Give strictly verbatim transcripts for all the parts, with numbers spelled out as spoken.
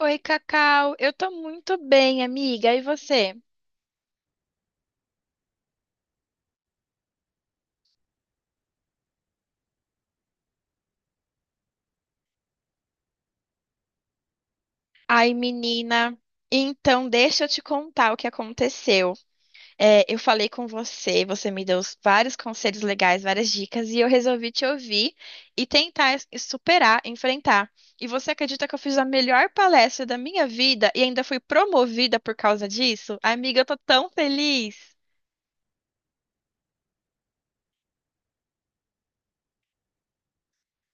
Oi, Cacau. Eu tô muito bem, amiga. E você? Ai, menina. Então, deixa eu te contar o que aconteceu. É, eu falei com você, você me deu vários conselhos legais, várias dicas, e eu resolvi te ouvir e tentar es- superar, enfrentar. E você acredita que eu fiz a melhor palestra da minha vida e ainda fui promovida por causa disso? Amiga, eu tô tão feliz.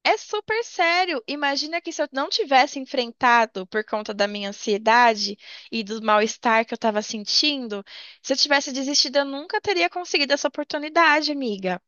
É super sério. Imagina que se eu não tivesse enfrentado por conta da minha ansiedade e do mal-estar que eu estava sentindo, se eu tivesse desistido, eu nunca teria conseguido essa oportunidade, amiga.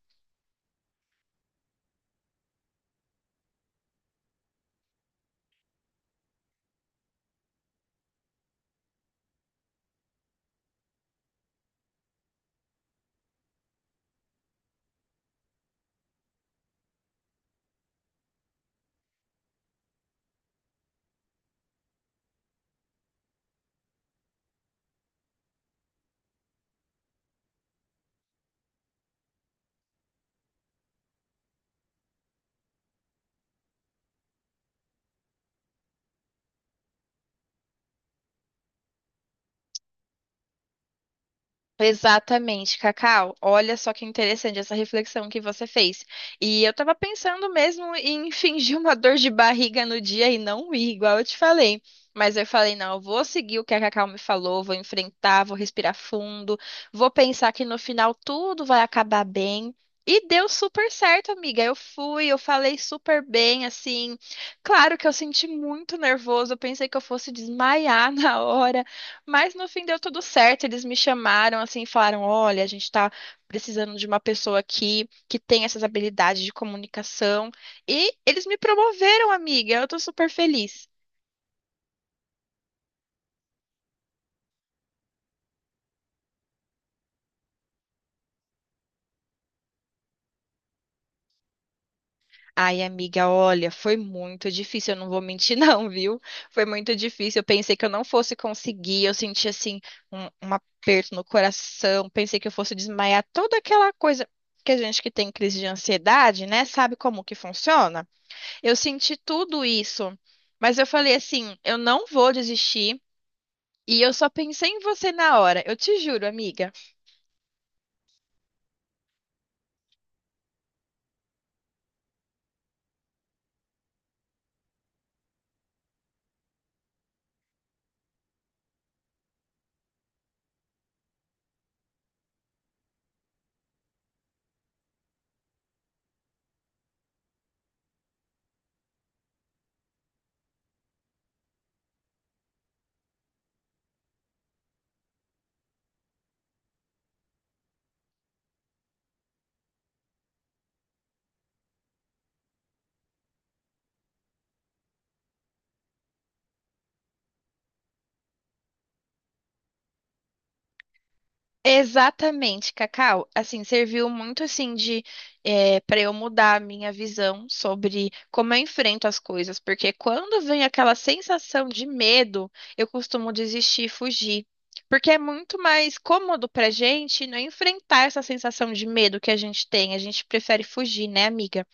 Exatamente, Cacau. Olha só que interessante essa reflexão que você fez. E eu tava pensando mesmo em fingir uma dor de barriga no dia e não ir, igual eu te falei. Mas eu falei, não, eu vou seguir o que a Cacau me falou, vou enfrentar, vou respirar fundo, vou pensar que no final tudo vai acabar bem. E deu super certo, amiga. Eu fui, eu falei super bem, assim. Claro que eu senti muito nervoso, eu pensei que eu fosse desmaiar na hora. Mas no fim deu tudo certo, eles me chamaram assim, falaram: "Olha, a gente está precisando de uma pessoa aqui que tem essas habilidades de comunicação". E eles me promoveram, amiga. Eu tô super feliz. Ai, amiga, olha, foi muito difícil, eu não vou mentir não, viu? Foi muito difícil. Eu pensei que eu não fosse conseguir, eu senti assim um, um aperto no coração, pensei que eu fosse desmaiar, toda aquela coisa que a gente que tem crise de ansiedade, né, sabe como que funciona? Eu senti tudo isso, mas eu falei assim, eu não vou desistir. E eu só pensei em você na hora, eu te juro, amiga. Exatamente, Cacau. Assim, serviu muito assim de para eu mudar a minha visão sobre como eu enfrento as coisas, porque quando vem aquela sensação de medo, eu costumo desistir e fugir. Porque é muito mais cômodo pra gente não enfrentar essa sensação de medo que a gente tem. A gente prefere fugir, né, amiga?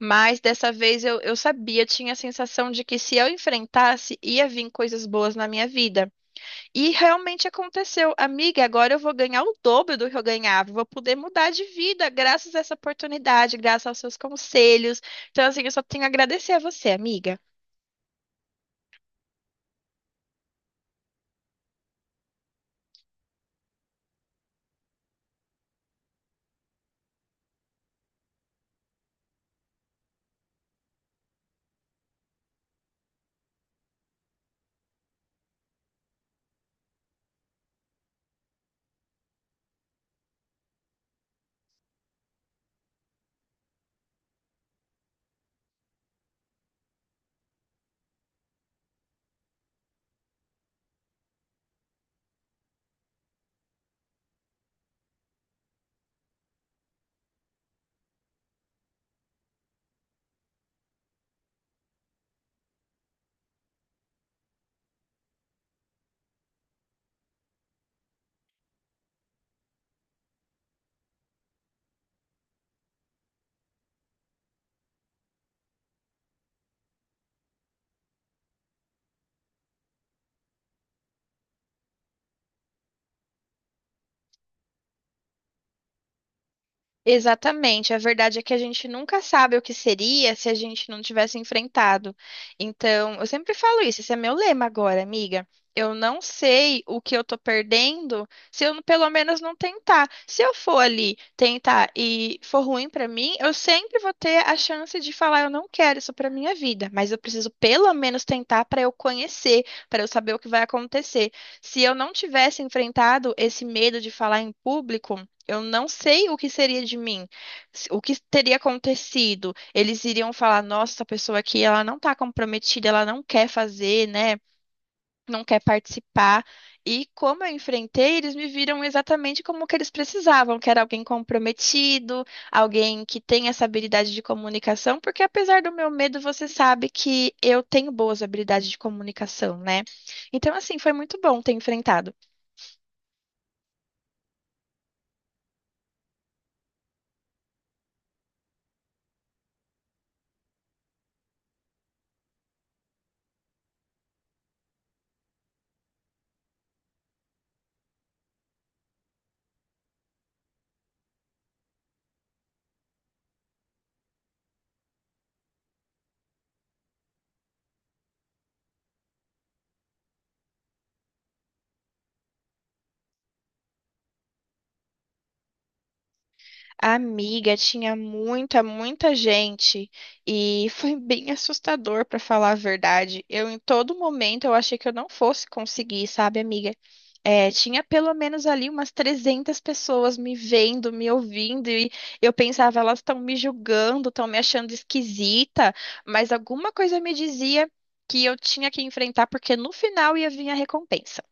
Mas dessa vez eu, eu sabia, tinha a sensação de que se eu enfrentasse, ia vir coisas boas na minha vida. E realmente aconteceu. Amiga, agora eu vou ganhar o dobro do que eu ganhava. Vou poder mudar de vida graças a essa oportunidade, graças aos seus conselhos. Então, assim, eu só tenho a agradecer a você, amiga. Exatamente. A verdade é que a gente nunca sabe o que seria se a gente não tivesse enfrentado. Então, eu sempre falo isso, esse é meu lema agora, amiga. Eu não sei o que eu tô perdendo se eu pelo menos não tentar. Se eu for ali tentar e for ruim pra mim, eu sempre vou ter a chance de falar, eu não quero isso pra minha vida, mas eu preciso pelo menos tentar pra eu conhecer, pra eu saber o que vai acontecer. Se eu não tivesse enfrentado esse medo de falar em público, eu não sei o que seria de mim, se- o que teria acontecido. Eles iriam falar: nossa, essa pessoa aqui, ela não está comprometida, ela não quer fazer, né? Não quer participar. E como eu enfrentei, eles me viram exatamente como que eles precisavam, que era alguém comprometido, alguém que tem essa habilidade de comunicação, porque apesar do meu medo, você sabe que eu tenho boas habilidades de comunicação, né? Então, assim, foi muito bom ter enfrentado. Amiga, tinha muita, muita gente e foi bem assustador, para falar a verdade. Eu, em todo momento, eu achei que eu não fosse conseguir, sabe, amiga? É, tinha pelo menos ali umas trezentas pessoas me vendo, me ouvindo, e eu pensava, elas estão me julgando, estão me achando esquisita, mas alguma coisa me dizia que eu tinha que enfrentar, porque no final ia vir a recompensa.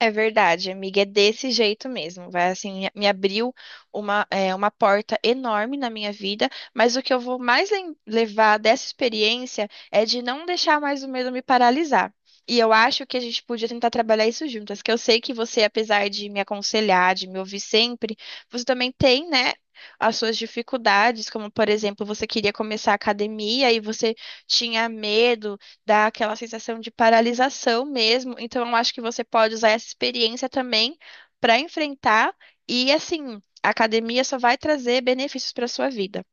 É verdade, amiga, é desse jeito mesmo. Vai assim, me abriu uma, é, uma porta enorme na minha vida, mas o que eu vou mais lem- levar dessa experiência é de não deixar mais o medo me paralisar. E eu acho que a gente podia tentar trabalhar isso juntas, que eu sei que você, apesar de me aconselhar, de me ouvir sempre, você também tem, né, as suas dificuldades, como por exemplo, você queria começar a academia e você tinha medo dá aquela sensação de paralisação mesmo. Então, eu acho que você pode usar essa experiência também para enfrentar. E assim, a academia só vai trazer benefícios para sua vida.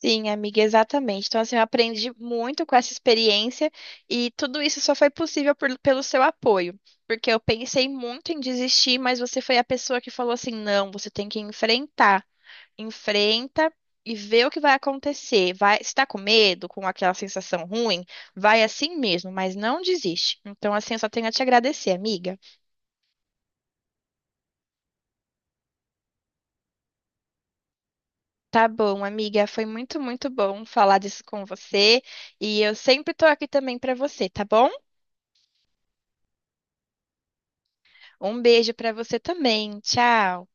Sim, amiga, exatamente. Então, assim, eu aprendi muito com essa experiência e tudo isso só foi possível por- pelo seu apoio. Porque eu pensei muito em desistir, mas você foi a pessoa que falou assim: não, você tem que enfrentar. Enfrenta e vê o que vai acontecer. Vai, se tá com medo, com aquela sensação ruim, vai assim mesmo, mas não desiste. Então, assim, eu só tenho a te agradecer, amiga. Tá bom, amiga, foi muito, muito bom falar disso com você e eu sempre tô aqui também pra você, tá bom? Um beijo pra você também. Tchau.